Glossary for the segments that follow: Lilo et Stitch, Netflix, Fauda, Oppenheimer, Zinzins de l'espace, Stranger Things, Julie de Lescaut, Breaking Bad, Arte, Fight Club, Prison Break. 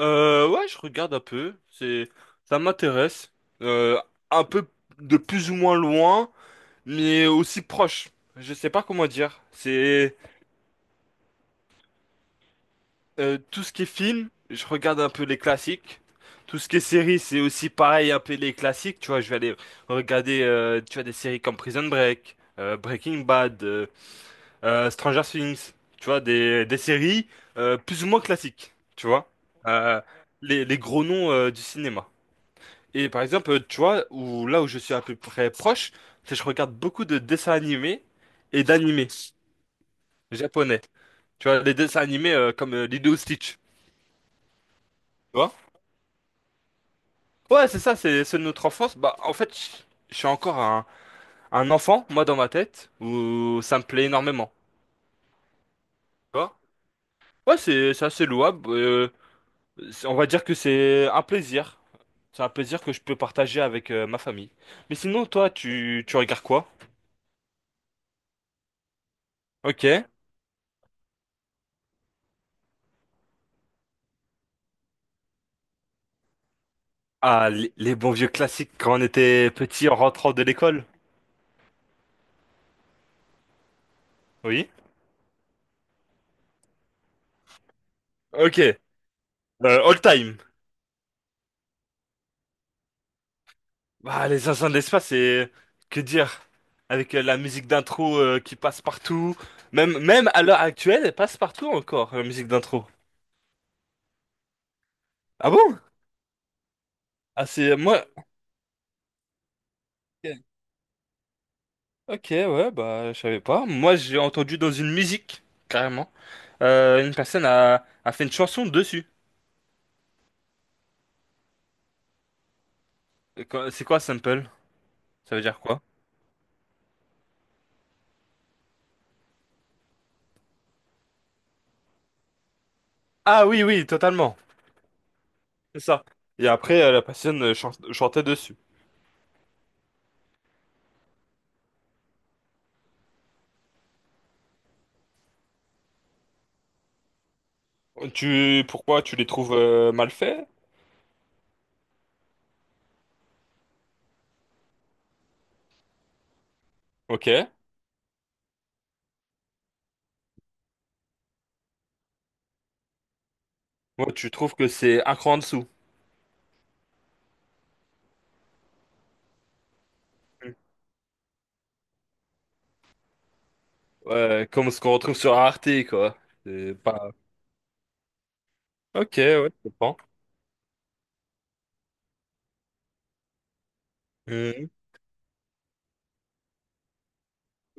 Ouais, je regarde un peu. Ça m'intéresse. Euh, un peu de plus ou moins loin, mais aussi proche. Je sais pas comment dire. C'est Tout ce qui est film, je regarde un peu les classiques. Tout ce qui est série, c'est aussi pareil, un peu les classiques. Tu vois, je vais aller regarder, tu vois, des séries comme Prison Break, Breaking Bad, Stranger Things. Tu vois, des séries plus ou moins classiques. Tu vois, Euh, les gros noms du cinéma. Et par exemple, tu vois, là où je suis à peu près proche, c'est que je regarde beaucoup de dessins animés et d'animés japonais. Tu vois, les dessins animés comme Lilo et Stitch. Tu vois? Ouais, c'est ça, c'est ceux de notre enfance. Bah, en fait, je suis encore un enfant, moi, dans ma tête, où ça me plaît énormément. Tu vois? Ouais, c'est assez louable. On va dire que c'est un plaisir. C'est un plaisir que je peux partager avec ma famille. Mais sinon, toi, tu regardes quoi? Ok. Ah, les bons vieux classiques quand on était petit en rentrant de l'école. Oui. Ok. All time. Bah, les Zinzins de l'espace, c'est... Que dire? Avec la musique d'intro qui passe partout. Même à l'heure actuelle, elle passe partout encore, la musique d'intro. Ah bon? Ah, c'est... Moi... Ok, ok, ouais, bah, je savais pas. Moi, j'ai entendu dans une musique, carrément. Une personne a fait une chanson dessus. C'est quoi, sample? Ça veut dire quoi? Ah oui, oui, totalement. C'est ça. Et après, la patienne chantait dessus. Pourquoi tu les trouves mal faits? Ok. Moi, tu trouves que c'est un cran en dessous. Mm. Ouais, comme ce qu'on retrouve sur Arte, quoi. C'est pas... Ok, ouais, je comprends. Mhm.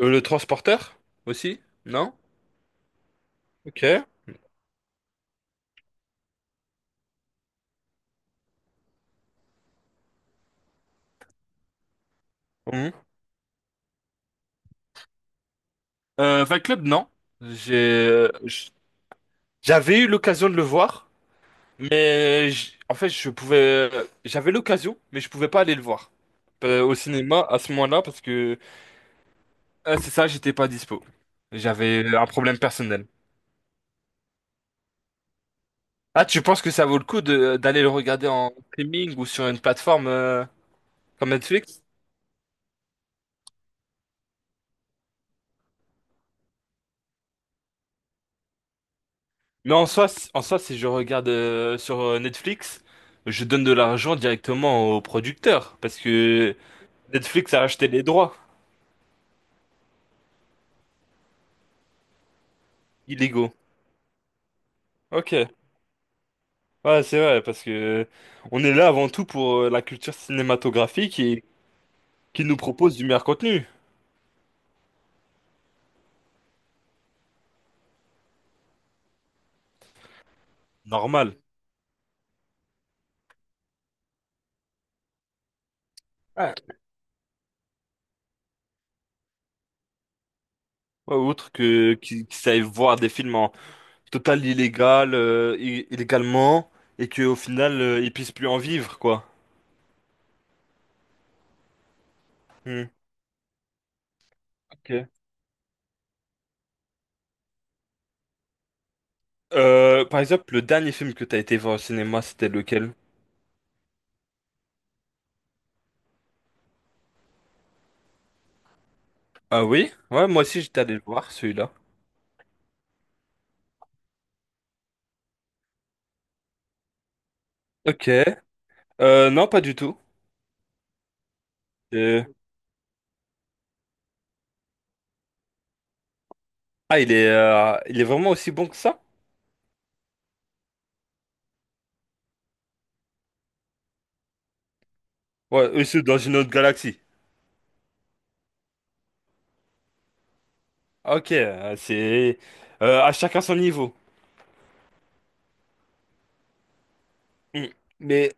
Le transporteur? Aussi? Non? Ok. Mhm. Fight Club, non. J'ai... euh, j- J'avais eu l'occasion de le voir, en fait, je pouvais... J'avais l'occasion, mais je pouvais pas aller le voir au cinéma à ce moment-là parce que... C'est ça, j'étais pas dispo. J'avais un problème personnel. Ah, tu penses que ça vaut le coup de d'aller le regarder en streaming ou sur une plateforme comme Netflix? Mais en soi, en soi, si je regarde sur Netflix, je donne de l'argent directement au producteur parce que Netflix a acheté les droits illégaux. Ok. Ouais, c'est vrai parce que on est là avant tout pour la culture cinématographique et qui nous propose du meilleur contenu. Normal. Ouais. Ouais, autre que qu'ils savent voir des films en total illégal, illégalement, et qu'au final, ils puissent plus en vivre, quoi. Hmm, ok. Par exemple, le dernier film que t'as été voir au cinéma, c'était lequel? Ah oui? Ouais, moi aussi, j'étais allé le voir, celui-là. Ok. Non, pas du tout. Euh, Ah, il est vraiment aussi bon que ça? Ouais, eux, c'est dans une autre galaxie. Ok, à chacun son niveau. Hmm. Mais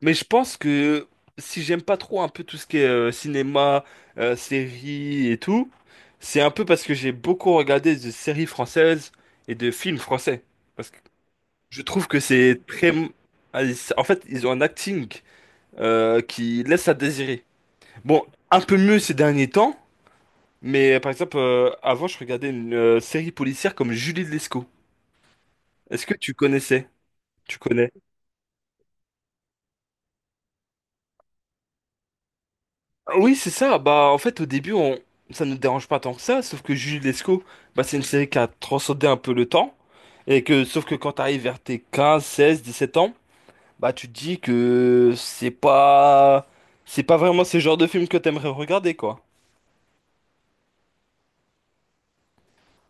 Mais je pense que si j'aime pas trop un peu tout ce qui est cinéma, séries et tout, c'est un peu parce que j'ai beaucoup regardé de séries françaises et de films français. Parce que je trouve que c'est très... En fait, ils ont un acting qui laisse à désirer. Bon, un peu mieux ces derniers temps, mais par exemple, avant, je regardais une série policière comme Julie de Lescaut. Est-ce que tu connaissais? Tu connais? Oui, c'est ça. Bah, en fait, au début, on... ça ne nous dérange pas tant que ça, sauf que Jules Lescaut, bah, c'est une série qui a transcendé un peu le temps. Et que, sauf que quand t'arrives vers tes 15, 16, 17 ans, bah, tu te dis que c'est pas vraiment ce genre de film que t'aimerais regarder, quoi.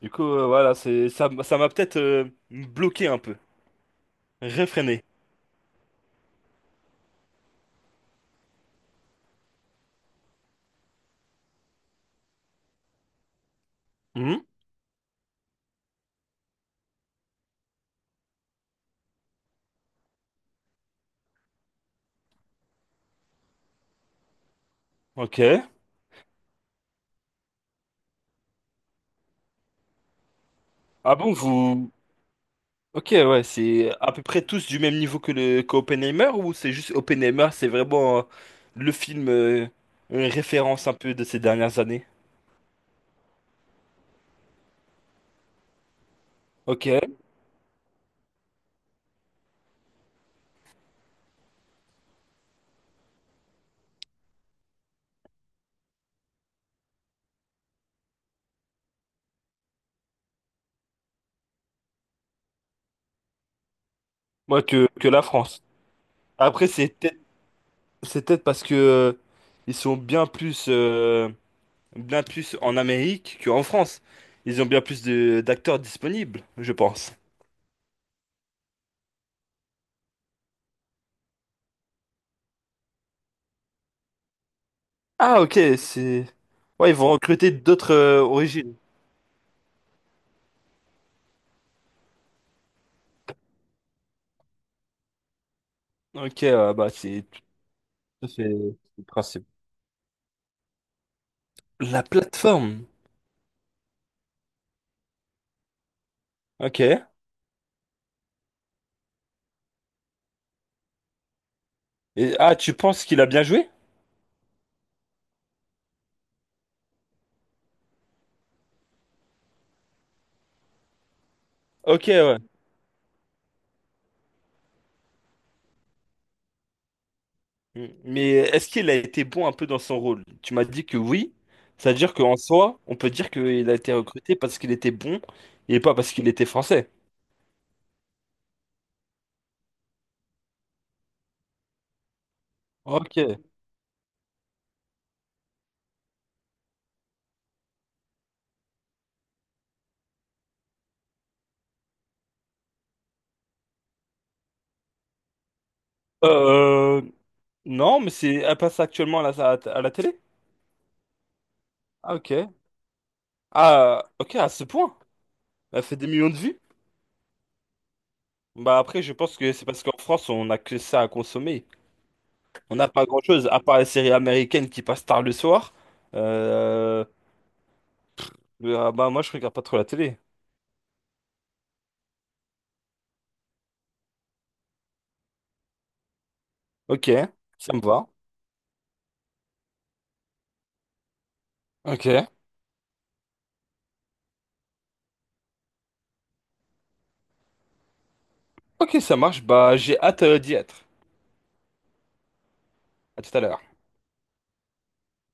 Du coup, voilà, ça m'a peut-être bloqué un peu, réfréné. Mhm. Ok. Ah bon, vous, ok, ouais, c'est à peu près tous du même niveau que le que Oppenheimer ou c'est juste Oppenheimer, c'est vraiment le film une référence un peu de ces dernières années. Ok, moi que la France. Après c'est peut-être parce que ils sont bien plus en Amérique qu'en France. Ils ont bien plus de d'acteurs disponibles, je pense. Ah ok, c'est ouais ils vont recruter d'autres origines. Ok, bah c'est tout à fait le principe. La plateforme. Ok. Et, ah, tu penses qu'il a bien joué? Ok, ouais. Mm. Mais est-ce qu'il a été bon un peu dans son rôle? Tu m'as dit que oui. C'est-à-dire qu'en soi, on peut dire qu'il a été recruté parce qu'il était bon et pas parce qu'il était français. Ok. Euh, non, mais c'est, elle passe actuellement à la télé? Ah, ok. Ah, ok, à ce point. Elle fait des millions de vues? Bah après, je pense que c'est parce qu'en France, on n'a que ça à consommer. On n'a pas grand-chose, à part les séries américaines qui passent tard le soir. Euh, Bah moi je regarde pas trop la télé. Ok, ça me va. Ok. Ok, ça marche. Bah j'ai hâte d'y être. À tout à l'heure.